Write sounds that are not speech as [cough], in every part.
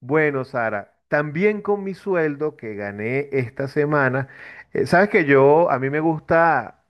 Bueno, Sara, también con mi sueldo que gané esta semana, sabes que yo, a mí me gusta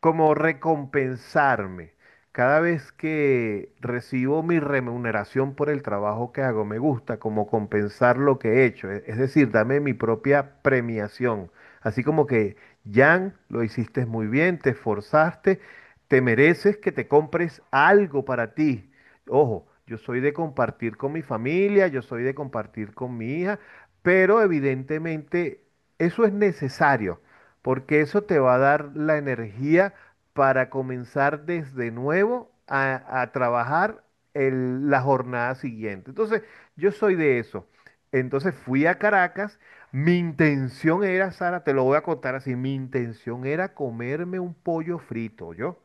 como recompensarme. Cada vez que recibo mi remuneración por el trabajo que hago, me gusta como compensar lo que he hecho, es decir, dame mi propia premiación. Así como que, Jan, lo hiciste muy bien, te esforzaste, te mereces que te compres algo para ti. Ojo, yo soy de compartir con mi familia, yo soy de compartir con mi hija, pero evidentemente eso es necesario porque eso te va a dar la energía para comenzar desde nuevo a trabajar la jornada siguiente. Entonces, yo soy de eso. Entonces fui a Caracas, mi intención era, Sara, te lo voy a contar así, mi intención era comerme un pollo frito, yo.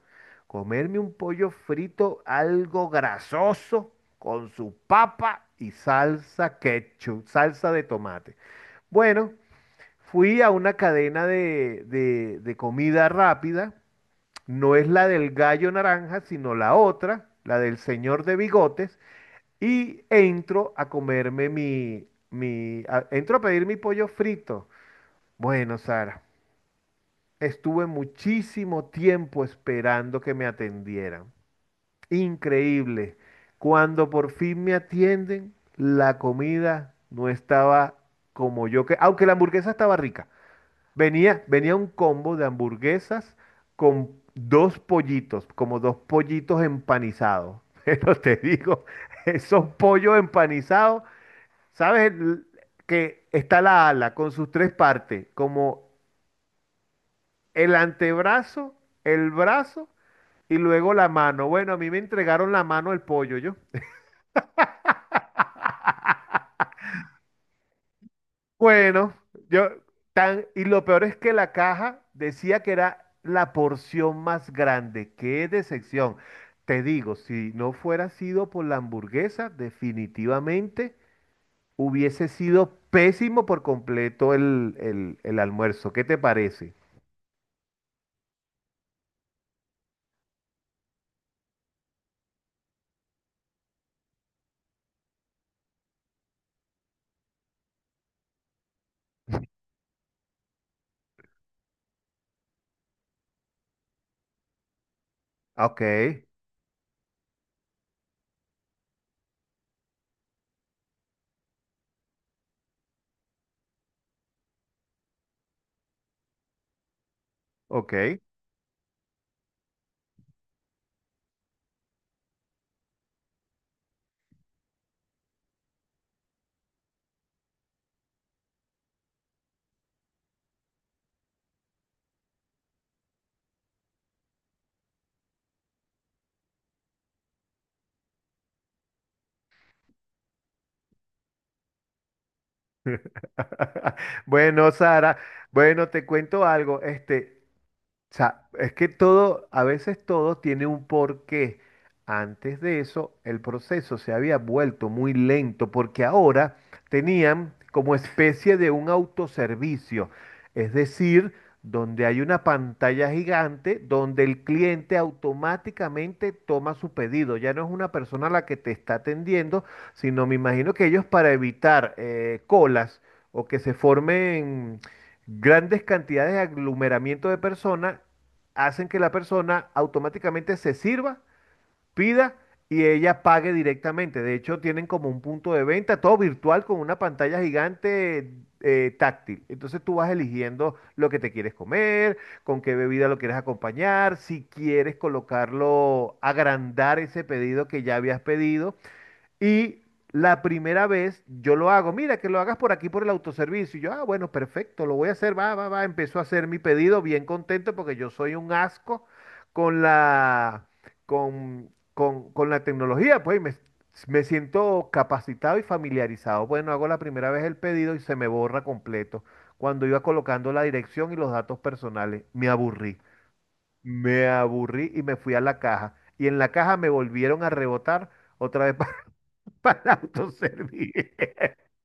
Comerme un pollo frito, algo grasoso, con su papa y salsa ketchup, salsa de tomate. Bueno, fui a una cadena de comida rápida, no es la del gallo naranja, sino la otra, la del señor de bigotes, y entro a comerme entro a pedir mi pollo frito. Bueno, Sara, estuve muchísimo tiempo esperando que me atendieran. Increíble. Cuando por fin me atienden, la comida no estaba como yo que, aunque la hamburguesa estaba rica. Venía un combo de hamburguesas con dos pollitos, como dos pollitos empanizados. [laughs] Pero te digo, esos pollos empanizados, ¿sabes? Que está la ala con sus tres partes, como el antebrazo, el brazo y luego la mano. Bueno, a mí me entregaron la mano el pollo, yo. Bueno, yo tan, y lo peor es que la caja decía que era la porción más grande. Qué decepción. Te digo, si no fuera sido por la hamburguesa, definitivamente hubiese sido pésimo por completo el almuerzo. ¿Qué te parece? Ok, ok. [laughs] Bueno, Sara, bueno, te cuento algo. Este, o sea, es que todo, a veces todo tiene un porqué. Antes de eso, el proceso se había vuelto muy lento porque ahora tenían como especie de un autoservicio, es decir, donde hay una pantalla gigante donde el cliente automáticamente toma su pedido. Ya no es una persona la que te está atendiendo, sino me imagino que ellos para evitar colas o que se formen grandes cantidades de aglomeramiento de personas hacen que la persona automáticamente se sirva, pida y ella pague directamente. De hecho, tienen como un punto de venta, todo virtual con una pantalla gigante, táctil. Entonces tú vas eligiendo lo que te quieres comer, con qué bebida lo quieres acompañar, si quieres colocarlo, agrandar ese pedido que ya habías pedido. Y la primera vez yo lo hago, mira, que lo hagas por aquí, por el autoservicio. Y yo, ah, bueno, perfecto, lo voy a hacer, va, va, va. Empezó a hacer mi pedido bien contento porque yo soy un asco con la, con la tecnología, pues, me siento capacitado y familiarizado. Bueno, hago la primera vez el pedido y se me borra completo. Cuando iba colocando la dirección y los datos personales, me aburrí. Me aburrí y me fui a la caja. Y en la caja me volvieron a rebotar otra vez [laughs] [laughs] para autoservir. [laughs]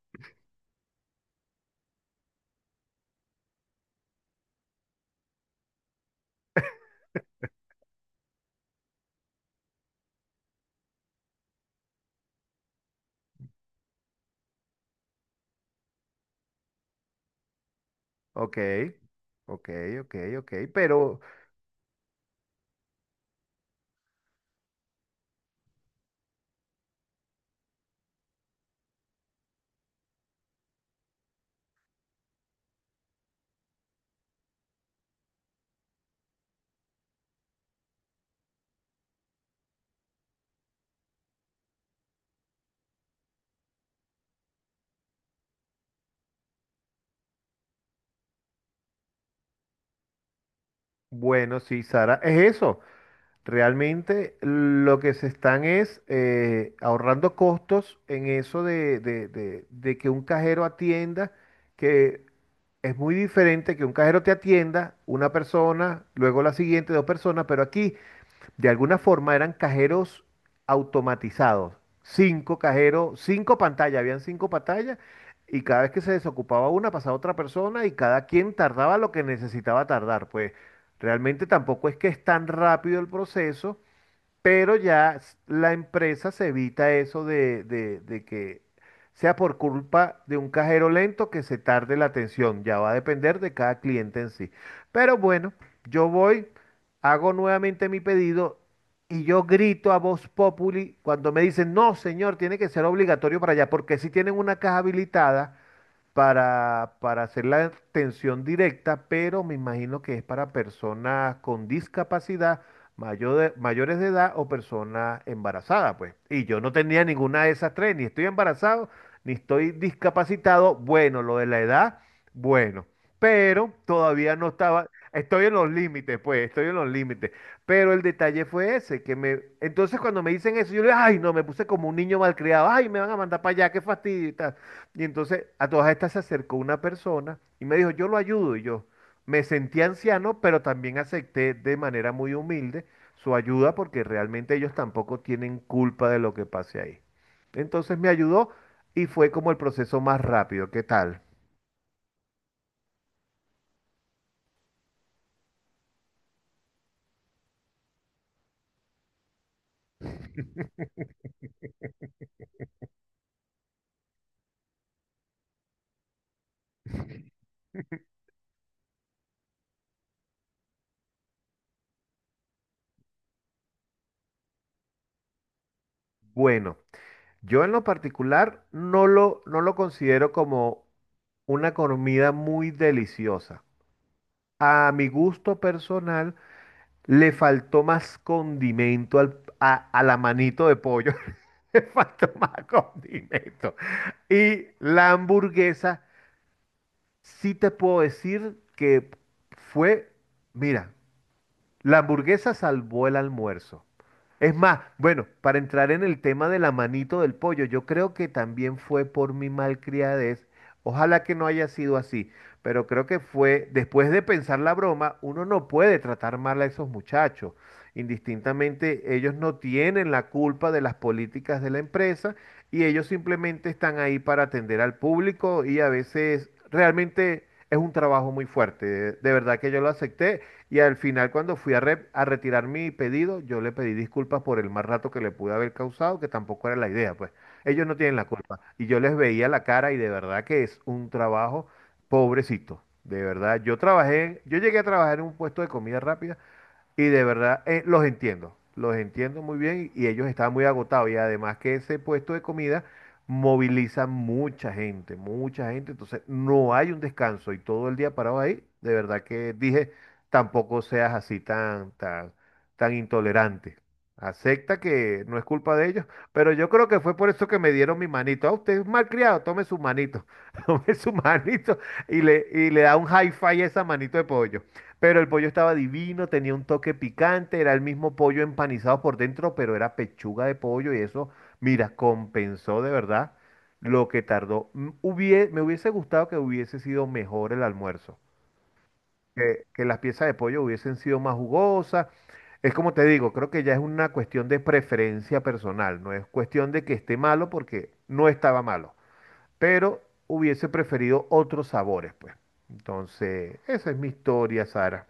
Ok, ok, ok, ok. Pero bueno, sí, Sara, es eso. Realmente lo que se están es ahorrando costos en eso de que un cajero atienda, que es muy diferente que un cajero te atienda, una persona, luego la siguiente, dos personas, pero aquí de alguna forma eran cajeros automatizados. Cinco cajeros, cinco pantallas, habían cinco pantallas y cada vez que se desocupaba una pasaba otra persona y cada quien tardaba lo que necesitaba tardar. Pues realmente tampoco es que es tan rápido el proceso, pero ya la empresa se evita eso de que sea por culpa de un cajero lento que se tarde la atención. Ya va a depender de cada cliente en sí. Pero bueno, yo voy, hago nuevamente mi pedido y yo grito a voz populi cuando me dicen, no, señor, tiene que ser obligatorio para allá, porque si tienen una caja habilitada para hacer la atención directa, pero me imagino que es para personas con discapacidad, mayores de edad o personas embarazadas, pues. Y yo no tenía ninguna de esas tres, ni estoy embarazado, ni estoy discapacitado. Bueno, lo de la edad, bueno, pero todavía no estaba, estoy en los límites, pues, estoy en los límites. Pero el detalle fue ese, que me, entonces cuando me dicen eso, yo le digo, ay, no, me puse como un niño malcriado, ay, me van a mandar para allá, qué fastidio y tal. Y entonces a todas estas se acercó una persona y me dijo, yo lo ayudo. Y yo me sentí anciano, pero también acepté de manera muy humilde su ayuda porque realmente ellos tampoco tienen culpa de lo que pase ahí. Entonces me ayudó y fue como el proceso más rápido. ¿Qué tal? Bueno, yo en lo particular no lo considero como una comida muy deliciosa. A mi gusto personal, le faltó más condimento a la manito de pollo. [laughs] Le faltó más condimento. Y la hamburguesa, sí te puedo decir que fue, mira, la hamburguesa salvó el almuerzo. Es más, bueno, para entrar en el tema de la manito del pollo, yo creo que también fue por mi malcriadez. Ojalá que no haya sido así, pero creo que fue, después de pensar la broma, uno no puede tratar mal a esos muchachos. Indistintamente, ellos no tienen la culpa de las políticas de la empresa y ellos simplemente están ahí para atender al público y a veces realmente es un trabajo muy fuerte. De verdad que yo lo acepté y al final, cuando fui a, a retirar mi pedido, yo le pedí disculpas por el mal rato que le pude haber causado, que tampoco era la idea, pues. Ellos no tienen la culpa. Y yo les veía la cara y de verdad que es un trabajo pobrecito. De verdad, yo trabajé, yo llegué a trabajar en un puesto de comida rápida y de verdad, los entiendo muy bien y ellos estaban muy agotados y además que ese puesto de comida moviliza mucha gente, entonces no hay un descanso y todo el día parado ahí, de verdad que dije, tampoco seas así tan intolerante. Acepta que no es culpa de ellos, pero yo creo que fue por eso que me dieron mi manito. Ah, usted es malcriado, tome su manito, [laughs] tome su manito y le da un hi-fi a esa manito de pollo. Pero el pollo estaba divino, tenía un toque picante, era el mismo pollo empanizado por dentro, pero era pechuga de pollo y eso, mira, compensó de verdad lo que tardó. Mm, me hubiese gustado que hubiese sido mejor el almuerzo, que las piezas de pollo hubiesen sido más jugosas. Es como te digo, creo que ya es una cuestión de preferencia personal, no es cuestión de que esté malo porque no estaba malo, pero hubiese preferido otros sabores, pues. Entonces, esa es mi historia, Sara.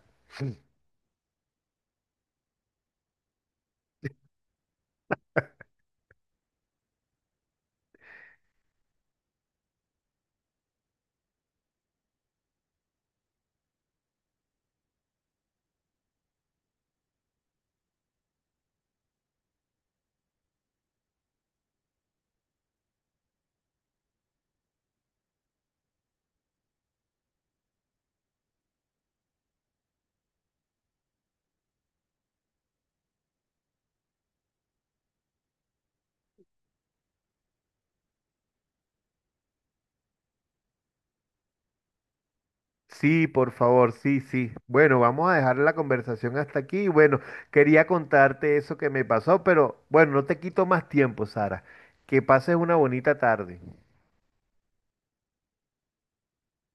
Sí, por favor, sí, sí. Bueno, vamos a dejar la conversación hasta aquí. Bueno, quería contarte eso que me pasó, pero bueno, no te quito más tiempo, Sara. Que pases una bonita tarde.